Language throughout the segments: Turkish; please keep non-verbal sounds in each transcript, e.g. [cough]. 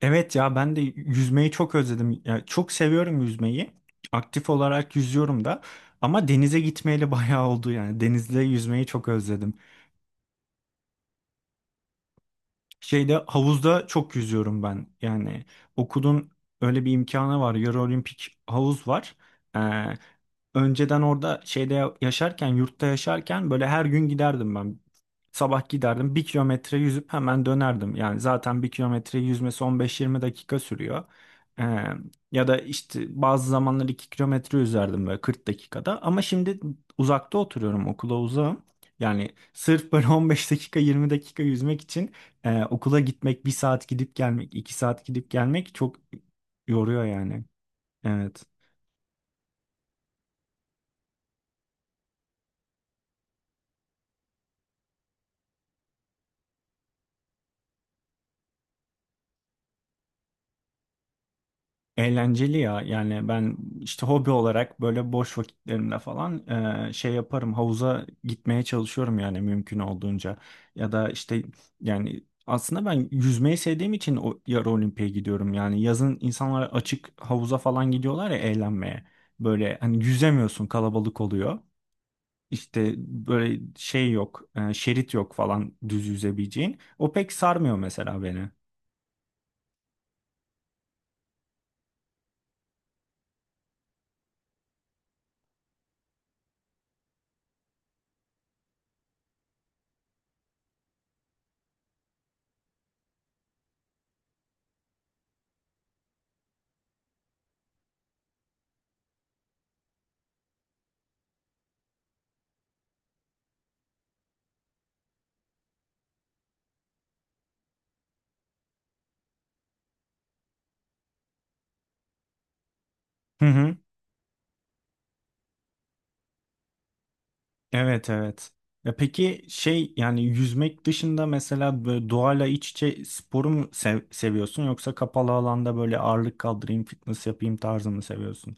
Evet ya ben de yüzmeyi çok özledim. Ya çok seviyorum yüzmeyi. Aktif olarak yüzüyorum da. Ama denize gitmeyeli [laughs] bayağı oldu yani. Denizde yüzmeyi çok özledim. Şeyde havuzda çok yüzüyorum ben. Yani okulun öyle bir imkanı var. Yarı olimpik havuz var. Ee, önceden orada şeyde yaşarken, yurtta yaşarken böyle her gün giderdim ben. Sabah giderdim bir kilometre yüzüp hemen dönerdim. Yani zaten bir kilometre yüzmesi 15-20 dakika sürüyor. Ee, ya da işte bazı zamanlar 2 kilometre yüzerdim böyle 40 dakikada. Ama şimdi uzakta oturuyorum okula uzağım. Yani sırf böyle 15 dakika 20 dakika yüzmek için okula gitmek bir saat gidip gelmek, iki saat gidip gelmek çok yoruyor yani. Evet. Eğlenceli ya yani ben işte hobi olarak böyle boş vakitlerimde falan şey yaparım, havuza gitmeye çalışıyorum yani mümkün olduğunca, ya da işte yani aslında ben yüzmeyi sevdiğim için o yarı olimpiye gidiyorum. Yani yazın insanlar açık havuza falan gidiyorlar ya, eğlenmeye, böyle hani yüzemiyorsun, kalabalık oluyor. İşte böyle şey yok, şerit yok falan düz yüzebileceğin. O pek sarmıyor mesela beni. Hı hı. Evet, evet. Ya peki şey, yani yüzmek dışında mesela böyle doğayla iç içe sporu mu seviyorsun, yoksa kapalı alanda böyle ağırlık kaldırayım, fitness yapayım tarzı mı seviyorsun?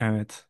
Evet.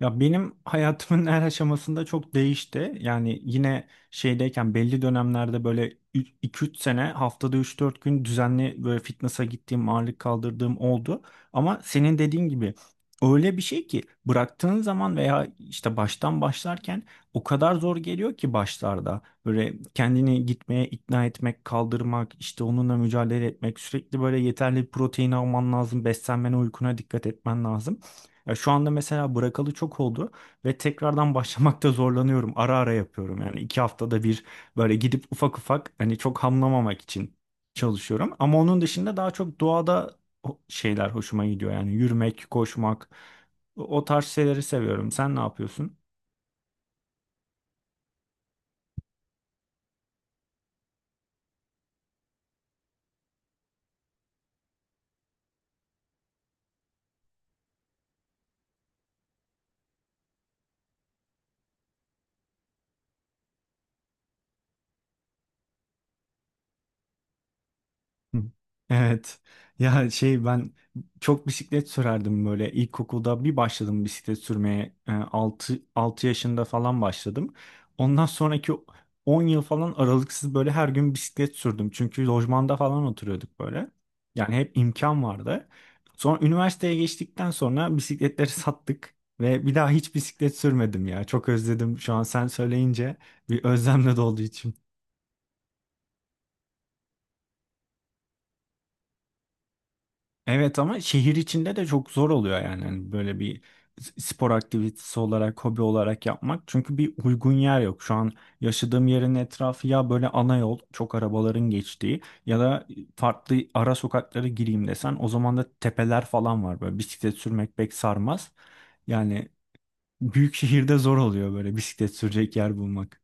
Ya benim hayatımın her aşamasında çok değişti. Yani yine şeydeyken belli dönemlerde böyle 2-3 sene haftada 3-4 gün düzenli böyle fitness'a gittiğim, ağırlık kaldırdığım oldu. Ama senin dediğin gibi öyle bir şey ki, bıraktığın zaman veya işte baştan başlarken o kadar zor geliyor ki başlarda. Böyle kendini gitmeye ikna etmek, kaldırmak, işte onunla mücadele etmek, sürekli böyle yeterli protein alman lazım, beslenmene, uykuna dikkat etmen lazım. Ya şu anda mesela bırakalı çok oldu ve tekrardan [laughs] başlamakta zorlanıyorum. Ara ara yapıyorum. Yani iki haftada bir böyle gidip ufak ufak, hani çok hamlamamak için çalışıyorum. Ama onun dışında daha çok doğada şeyler hoşuma gidiyor. Yani yürümek, koşmak, o tarz şeyleri seviyorum. Sen ne yapıyorsun? Hı. Evet. Ya şey, ben çok bisiklet sürerdim böyle. İlkokulda bir başladım bisiklet sürmeye. Altı 6 yaşında falan başladım. Ondan sonraki 10 yıl falan aralıksız böyle her gün bisiklet sürdüm. Çünkü lojmanda falan oturuyorduk böyle. Yani hep imkan vardı. Sonra üniversiteye geçtikten sonra bisikletleri [laughs] sattık ve bir daha hiç bisiklet sürmedim ya. Çok özledim şu an sen söyleyince, bir özlemle doldu içim. Evet, ama şehir içinde de çok zor oluyor yani. Hani böyle bir spor aktivitesi olarak, hobi olarak yapmak. Çünkü bir uygun yer yok. Şu an yaşadığım yerin etrafı ya böyle ana yol, çok arabaların geçtiği, ya da farklı ara sokaklara gireyim desen o zaman da tepeler falan var. Böyle bisiklet sürmek pek sarmaz. Yani büyük şehirde zor oluyor böyle bisiklet sürecek yer bulmak.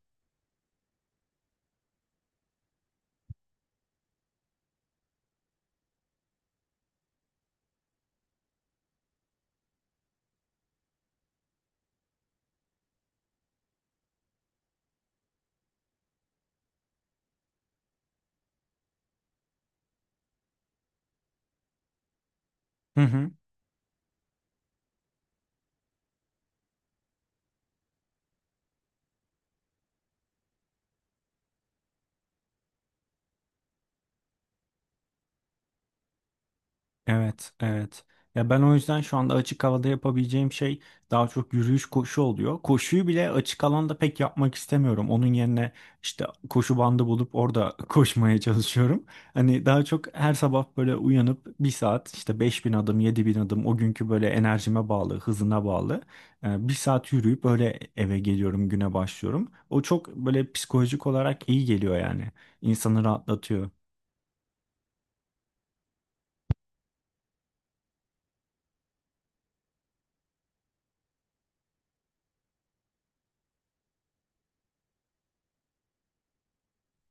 Hı hı. Evet, evet. Ya ben o yüzden şu anda açık havada yapabileceğim şey daha çok yürüyüş, koşu oluyor. Koşuyu bile açık alanda pek yapmak istemiyorum. Onun yerine işte koşu bandı bulup orada [laughs] koşmaya çalışıyorum. Hani daha çok her sabah böyle uyanıp bir saat, işte 5.000 adım, 7.000 adım, o günkü böyle enerjime bağlı, hızına bağlı. Bir saat yürüyüp böyle eve geliyorum, güne başlıyorum. O çok böyle psikolojik olarak iyi geliyor yani. İnsanı rahatlatıyor.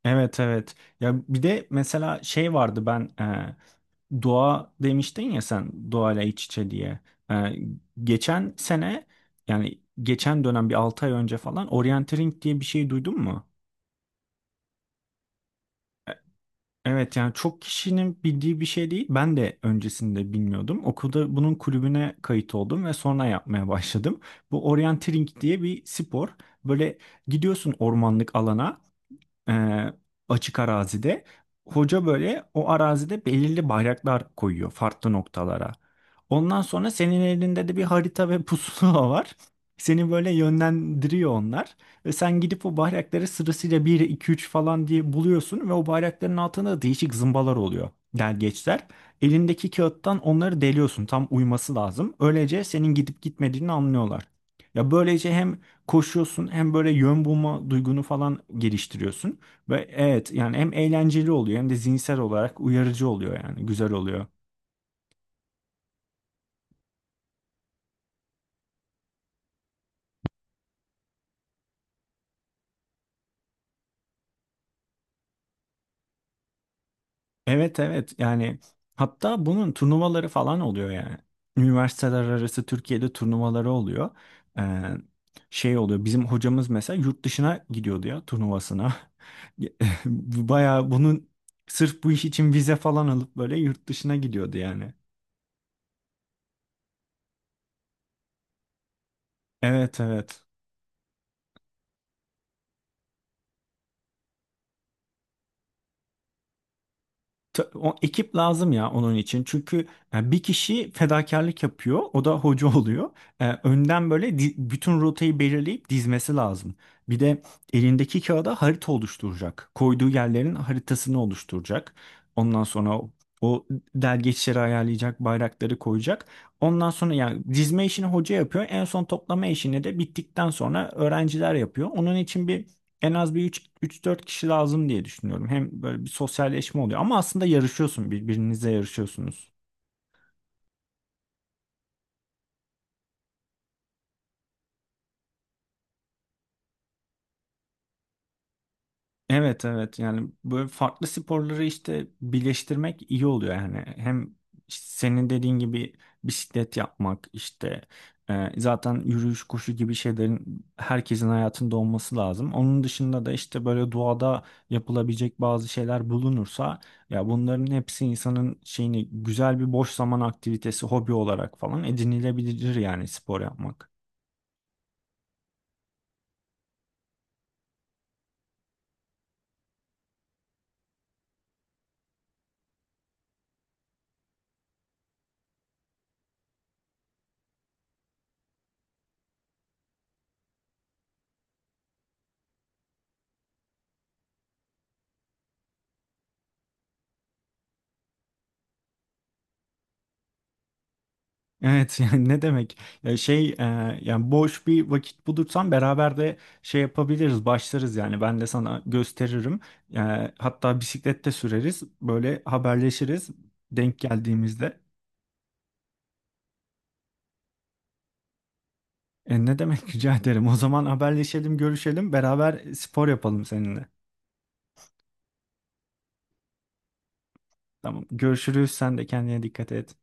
Evet, evet. Ya bir de mesela şey vardı, ben doğa demiştin ya, sen doğayla iç içe diye. E, geçen sene, yani geçen dönem, bir 6 ay önce falan, orienteering diye bir şey duydun mu? E, Evet, yani çok kişinin bildiği bir şey değil. Ben de öncesinde bilmiyordum. Okulda bunun kulübüne kayıt oldum ve sonra yapmaya [laughs] başladım. Bu orienteering diye bir spor. Böyle gidiyorsun ormanlık alana. e, açık arazide. Hoca böyle o arazide belirli bayraklar koyuyor farklı noktalara. Ondan sonra senin elinde de bir harita ve pusula [laughs] var. Seni böyle yönlendiriyor onlar. Ve sen gidip o bayrakları sırasıyla bir, iki, 3 falan diye buluyorsun. Ve o bayrakların altında da değişik zımbalar oluyor. Delgeçler. Elindeki kağıttan onları deliyorsun. Tam uyması lazım. Öylece senin gidip gitmediğini anlıyorlar. Ya böylece hem koşuyorsun, hem böyle yön bulma duygunu falan geliştiriyorsun. Ve evet, yani hem eğlenceli oluyor, hem de zihinsel olarak uyarıcı oluyor, yani güzel oluyor. Evet, evet, yani hatta bunun turnuvaları falan oluyor yani. Üniversiteler arası Türkiye'de turnuvaları oluyor. Ee, şey oluyor, bizim hocamız mesela yurt dışına gidiyordu ya turnuvasına. [laughs] Bayağı bunun sırf bu iş için vize falan alıp böyle yurt dışına gidiyordu yani. Evet, evet. O ekip lazım ya onun için. Çünkü bir kişi fedakarlık yapıyor. O da hoca [laughs] oluyor. Önden böyle bütün rotayı belirleyip dizmesi lazım. Bir de elindeki kağıda harita oluşturacak. Koyduğu yerlerin haritasını oluşturacak. Ondan sonra o delgeçleri ayarlayacak, bayrakları koyacak. Ondan sonra yani dizme işini hoca yapıyor. En son toplama işini de bittikten sonra öğrenciler yapıyor. Onun için bir, en az bir 3, 3-4 kişi lazım diye düşünüyorum. Hem böyle bir sosyalleşme oluyor, ama aslında yarışıyorsun, birbirinizle yarışıyorsunuz. Evet, evet, yani böyle farklı sporları işte birleştirmek iyi oluyor yani. Hem işte senin dediğin gibi bisiklet yapmak, işte zaten yürüyüş, koşu gibi şeylerin herkesin hayatında olması lazım. Onun dışında da işte böyle doğada yapılabilecek bazı şeyler bulunursa, ya bunların hepsi insanın şeyini, güzel bir boş zaman aktivitesi, hobi olarak falan edinilebilir yani spor yapmak. Evet [laughs] yani ne demek? Ya şey yani boş bir vakit bulursan beraber de şey yapabiliriz, başlarız yani. Ben de sana gösteririm. Hatta bisiklette süreriz. Böyle haberleşiriz denk geldiğimizde. Ne demek, [laughs] rica ederim. O zaman haberleşelim, görüşelim, beraber spor yapalım seninle. Tamam. Görüşürüz. Sen de kendine dikkat et.